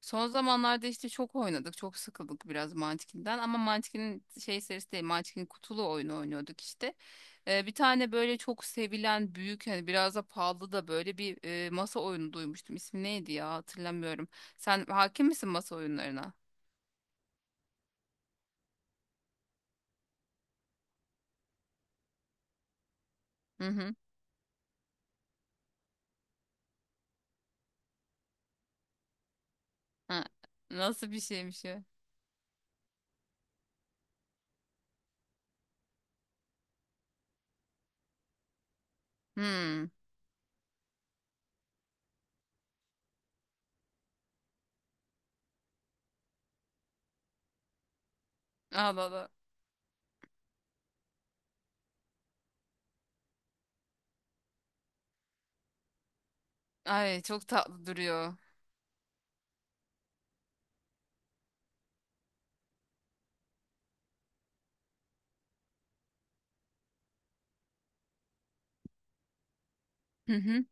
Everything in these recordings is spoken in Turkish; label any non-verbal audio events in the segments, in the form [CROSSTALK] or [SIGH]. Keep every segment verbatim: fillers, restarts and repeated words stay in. Son zamanlarda işte çok oynadık. Çok sıkıldık biraz Munchkin'den. Ama Munchkin'in şey serisi değil. Munchkin'in kutulu oyunu oynuyorduk işte. Ee, bir tane böyle çok sevilen büyük hani biraz da pahalı da böyle bir e, masa oyunu duymuştum. İsmi neydi ya hatırlamıyorum. Sen hakim misin masa oyunlarına? Hı hı. Ha, nasıl bir şeymiş ya? Hmm. Allah Allah. Ay çok tatlı duruyor. Hı hı.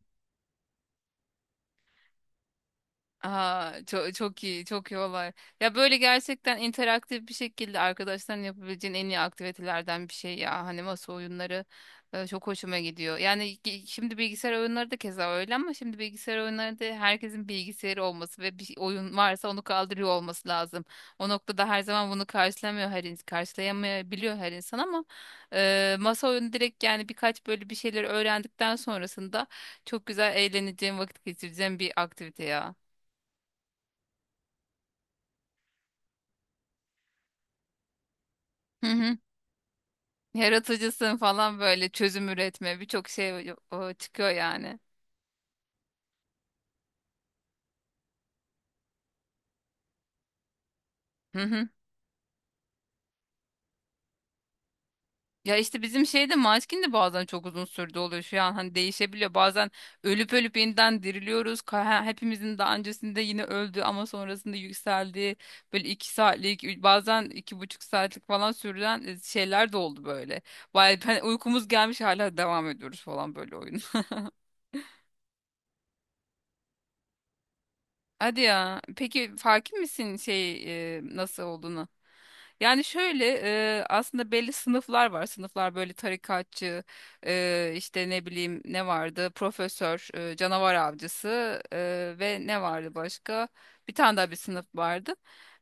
Aa, çok, çok iyi, çok iyi olay. Ya böyle gerçekten interaktif bir şekilde arkadaşların yapabileceğin en iyi aktivitelerden bir şey ya. Hani masa oyunları e, çok hoşuma gidiyor. Yani ki- şimdi bilgisayar oyunları da keza öyle ama şimdi bilgisayar oyunları da herkesin bilgisayarı olması ve bir oyun varsa onu kaldırıyor olması lazım. O noktada her zaman bunu karşılamıyor her insan, karşılayamayabiliyor her insan ama e, masa oyunu direkt yani birkaç böyle bir şeyleri öğrendikten sonrasında çok güzel eğleneceğim, vakit geçireceğim bir aktivite ya. Hı hı. Yaratıcısın falan böyle çözüm üretme birçok şey o- o çıkıyor yani. Hı hı. Ya işte bizim şeyde maçkin de bazen çok uzun sürdü oluyor şu an hani değişebiliyor. Bazen ölüp ölüp yeniden diriliyoruz. Ka- ha- Hepimizin daha öncesinde yine öldü ama sonrasında yükseldiği böyle iki saatlik ü- bazen iki buçuk saatlik falan sürülen e, şeyler de oldu böyle. Bayağı hani uykumuz gelmiş hala devam ediyoruz falan böyle oyuna. Hadi ya. Peki farkın misin şey e, nasıl olduğunu? Yani şöyle e, aslında belli sınıflar var. Sınıflar böyle tarikatçı, e, işte ne bileyim ne vardı? Profesör, e, canavar avcısı e, ve ne vardı başka? Bir tane daha bir sınıf vardı.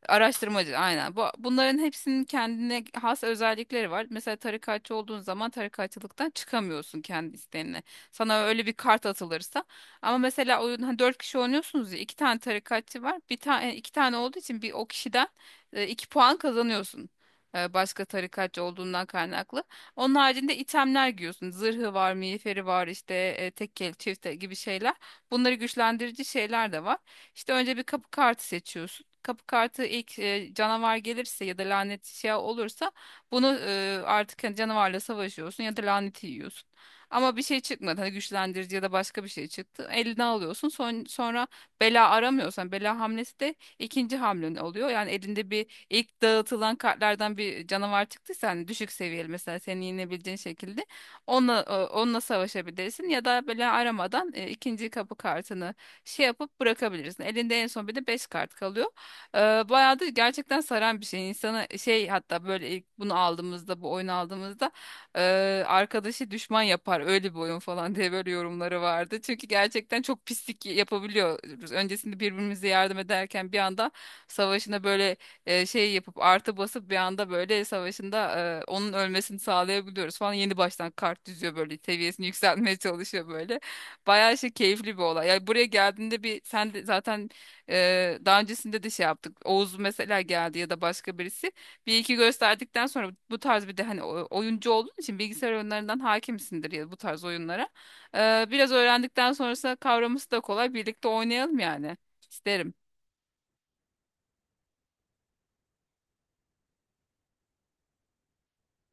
Araştırmacı aynen. Bu, bunların hepsinin kendine has özellikleri var. Mesela tarikatçı olduğun zaman tarikatçılıktan çıkamıyorsun kendi isteğinle. Sana öyle bir kart atılırsa ama mesela oyun hani dört kişi oynuyorsunuz ya iki tane tarikatçı var. Bir tane iki tane olduğu için bir o kişiden e, iki puan kazanıyorsun. E, başka tarikatçı olduğundan kaynaklı. Onun haricinde itemler giyiyorsun. Zırhı var, miğferi var, işte e, tekkeli, çifte gibi şeyler. Bunları güçlendirici şeyler de var. İşte önce bir kapı kartı seçiyorsun. Kapı kartı ilk e, canavar gelirse ya da lanet şey olursa bunu e, artık hani canavarla savaşıyorsun ya da laneti yiyorsun. Ama bir şey çıkmadı. Hani güçlendirici ya da başka bir şey çıktı. Eline alıyorsun. Son, sonra bela aramıyorsan bela hamlesi de ikinci hamlen oluyor. Yani elinde bir ilk dağıtılan kartlardan bir canavar çıktıysa hani düşük seviyeli mesela seni yenebileceğin şekilde onunla, e, onunla savaşabilirsin ya da bela aramadan e, ikinci kapı kartını şey yapıp bırakabilirsin. Elinde en son bir de beş kart kalıyor. E, Bayağı da gerçekten saran bir şey. İnsana şey hatta böyle ilk bunu aldığımızda bu oyunu aldığımızda Eee, arkadaşı düşman yapar öyle bir oyun falan diye böyle yorumları vardı. Çünkü gerçekten çok pislik yapabiliyoruz. Öncesinde birbirimize yardım ederken bir anda savaşına böyle eee, şey yapıp artı basıp bir anda böyle savaşında eee, onun ölmesini sağlayabiliyoruz falan. Yeni baştan kart düzüyor böyle seviyesini yükseltmeye çalışıyor böyle. Bayağı şey keyifli bir olay. Yani buraya geldiğinde bir sen de zaten eee, daha öncesinde de şey yaptık. Oğuz mesela geldi ya da başka birisi. Bir iki gösterdikten sonra bu tarz bir de hani o- oyuncu olduğun için bilgisayar oyunlarından hakimsindir ya bu tarz oyunlara. Ee, biraz öğrendikten sonrasında kavraması da kolay. Birlikte oynayalım yani. İsterim.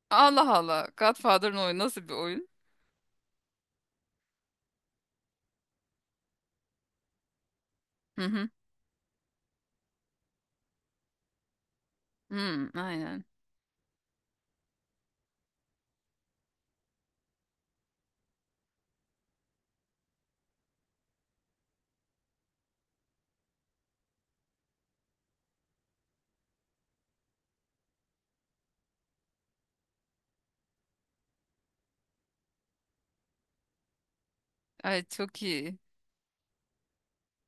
Allah Allah. Godfather'ın oyunu nasıl bir oyun? Hı hı. Hı, aynen. Ay çok iyi.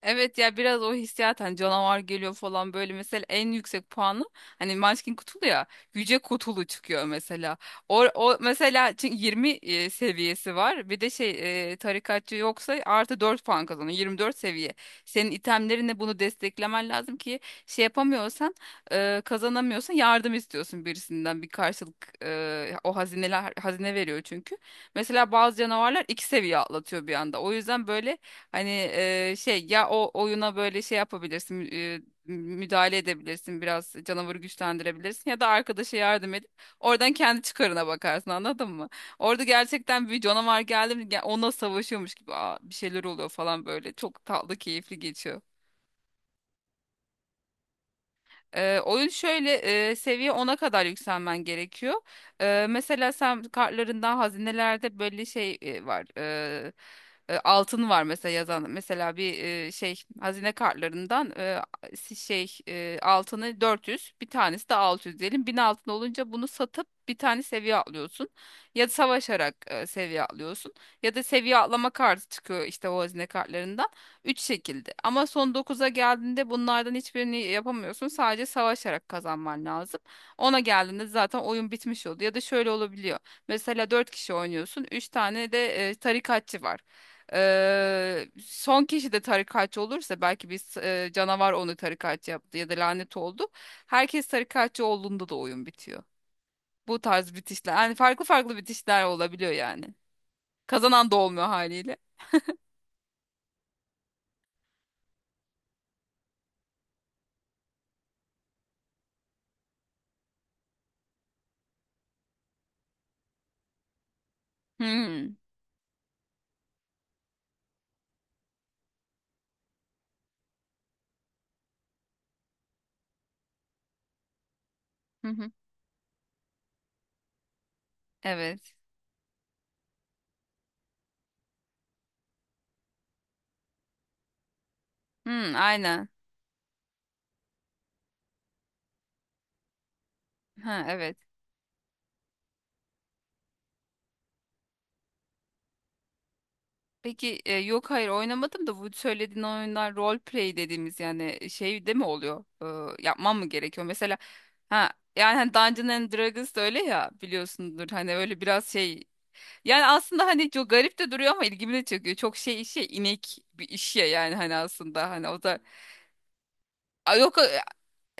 Evet ya biraz o hissiyat hani canavar geliyor falan böyle mesela en yüksek puanı hani Munchkin kutulu ya yüce kutulu çıkıyor mesela. O, o mesela çünkü yirmi e, seviyesi var bir de şey e, tarikatçı yoksa artı dört puan kazanıyor yirmi dört seviye. Senin itemlerine bunu desteklemen lazım ki şey yapamıyorsan e, kazanamıyorsan yardım istiyorsun birisinden bir karşılık e, o hazineler hazine veriyor çünkü. Mesela bazı canavarlar iki seviye atlatıyor bir anda o yüzden böyle hani e, şey ya o oyuna böyle şey yapabilirsin e, müdahale edebilirsin biraz canavarı güçlendirebilirsin ya da arkadaşa yardım edip oradan kendi çıkarına bakarsın anladın mı? Orada gerçekten bir canavar geldi mi gel- onunla savaşıyormuş gibi "Aa, bir şeyler oluyor falan böyle çok tatlı keyifli geçiyor. Ee, oyun şöyle e, seviye ona kadar yükselmen gerekiyor. Ee, mesela sen kartlarından hazinelerde böyle şey e, var. Ee, e, altın var mesela yazan. Mesela bir e, şey hazine kartlarından e, si- şey e, altını dört yüz bir tanesi de altı yüz diyelim. bin altın olunca bunu satıp bir tane seviye atlıyorsun. Ya savaşarak e, seviye atlıyorsun. Ya da seviye atlama kartı çıkıyor işte o hazine kartlarından. Üç şekilde. Ama son dokuza geldiğinde bunlardan hiçbirini yapamıyorsun. Sadece savaşarak kazanman lazım. Ona geldiğinde zaten oyun bitmiş oldu. Ya da şöyle olabiliyor. Mesela dört kişi oynuyorsun. Üç tane de e, tarikatçı var. Eee, son kişi de tarikatçı olursa belki bir s- e, canavar onu tarikatçı yaptı ya da lanet oldu. Herkes tarikatçı olduğunda da oyun bitiyor. Bu tarz bitişler. Yani farklı farklı bitişler olabiliyor yani. Kazanan da olmuyor haliyle. Hmm. Hı hı. Evet. Hmm, aynen. Ha evet. Peki e, yok hayır oynamadım da bu söylediğin oyunlar role play dediğimiz yani e, şey de mi oluyor? Ee, yapmam mı gerekiyor? Mesela ha yani hani Dungeons and Dragons da öyle ya biliyorsundur hani öyle biraz şey yani aslında hani çok garip de duruyor ama ilgimi de çekiyor. Çok şey işe inek bir iş ya yani hani aslında hani o da Aa, yok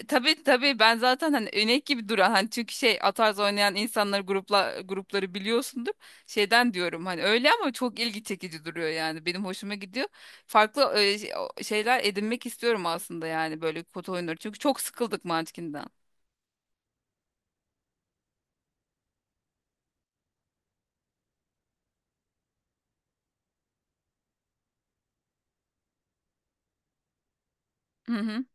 tabii tabii ben zaten hani önek gibi duran hani çünkü şey atarz oynayan insanları grupla grupları biliyorsundur. Şeyden diyorum hani öyle ama çok ilgi çekici duruyor yani benim hoşuma gidiyor. Farklı e, şey- o- şeyler edinmek istiyorum aslında yani böyle kod oyunları. Çünkü çok sıkıldık Munchkin'den. Hı hı.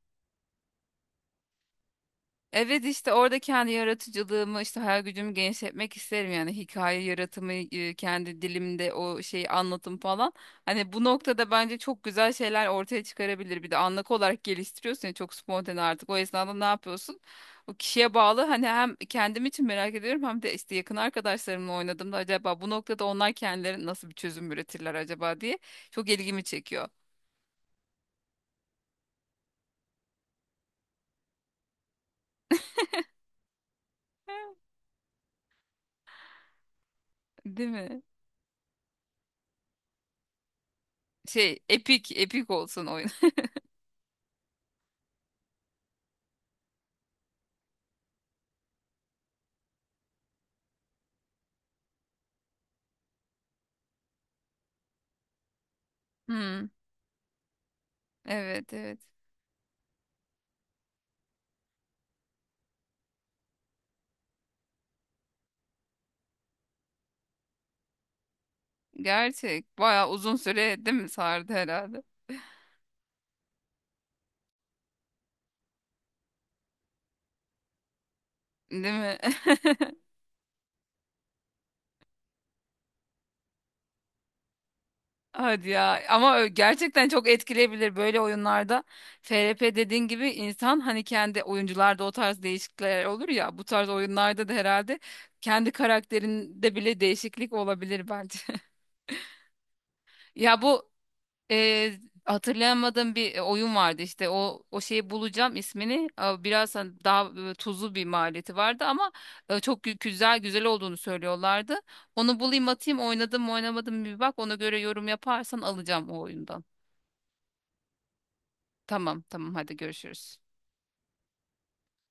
Evet işte orada kendi yaratıcılığımı işte hayal gücümü genişletmek isterim yani hikaye yaratımı e, kendi dilimde o şeyi anlatım falan. Hani bu noktada bence çok güzel şeyler ortaya çıkarabilir. Bir de anlık olarak geliştiriyorsun ya çok spontane artık o esnada ne yapıyorsun? O kişiye bağlı hani hem kendim için merak ediyorum hem de işte yakın arkadaşlarımla oynadığımda acaba bu noktada onlar kendileri nasıl bir çözüm üretirler acaba diye çok ilgimi çekiyor. [LAUGHS] Değil mi? Şey epik epik olsun oyun. [LAUGHS] Hmm, evet evet. Gerçek. Bayağı uzun süre değil mi sardı herhalde? Değil mi? [LAUGHS] Hadi ya. Ama ö- gerçekten çok etkileyebilir böyle oyunlarda. F R P dediğin gibi insan hani kendi oyuncularda o tarz değişiklikler olur ya. Bu tarz oyunlarda da herhalde kendi karakterinde bile değişiklik olabilir bence. [LAUGHS] Ya bu Ee, hatırlayamadığım bir e, oyun vardı işte o o şeyi bulacağım ismini Ee, biraz hani daha e, tuzlu bir maliyeti vardı ama e, çok gü- güzel güzel olduğunu söylüyorlardı. Onu bulayım atayım oynadım mı oynamadım mı bir bak ona göre yorum yaparsan alacağım o oyundan. Tamam tamam hadi görüşürüz.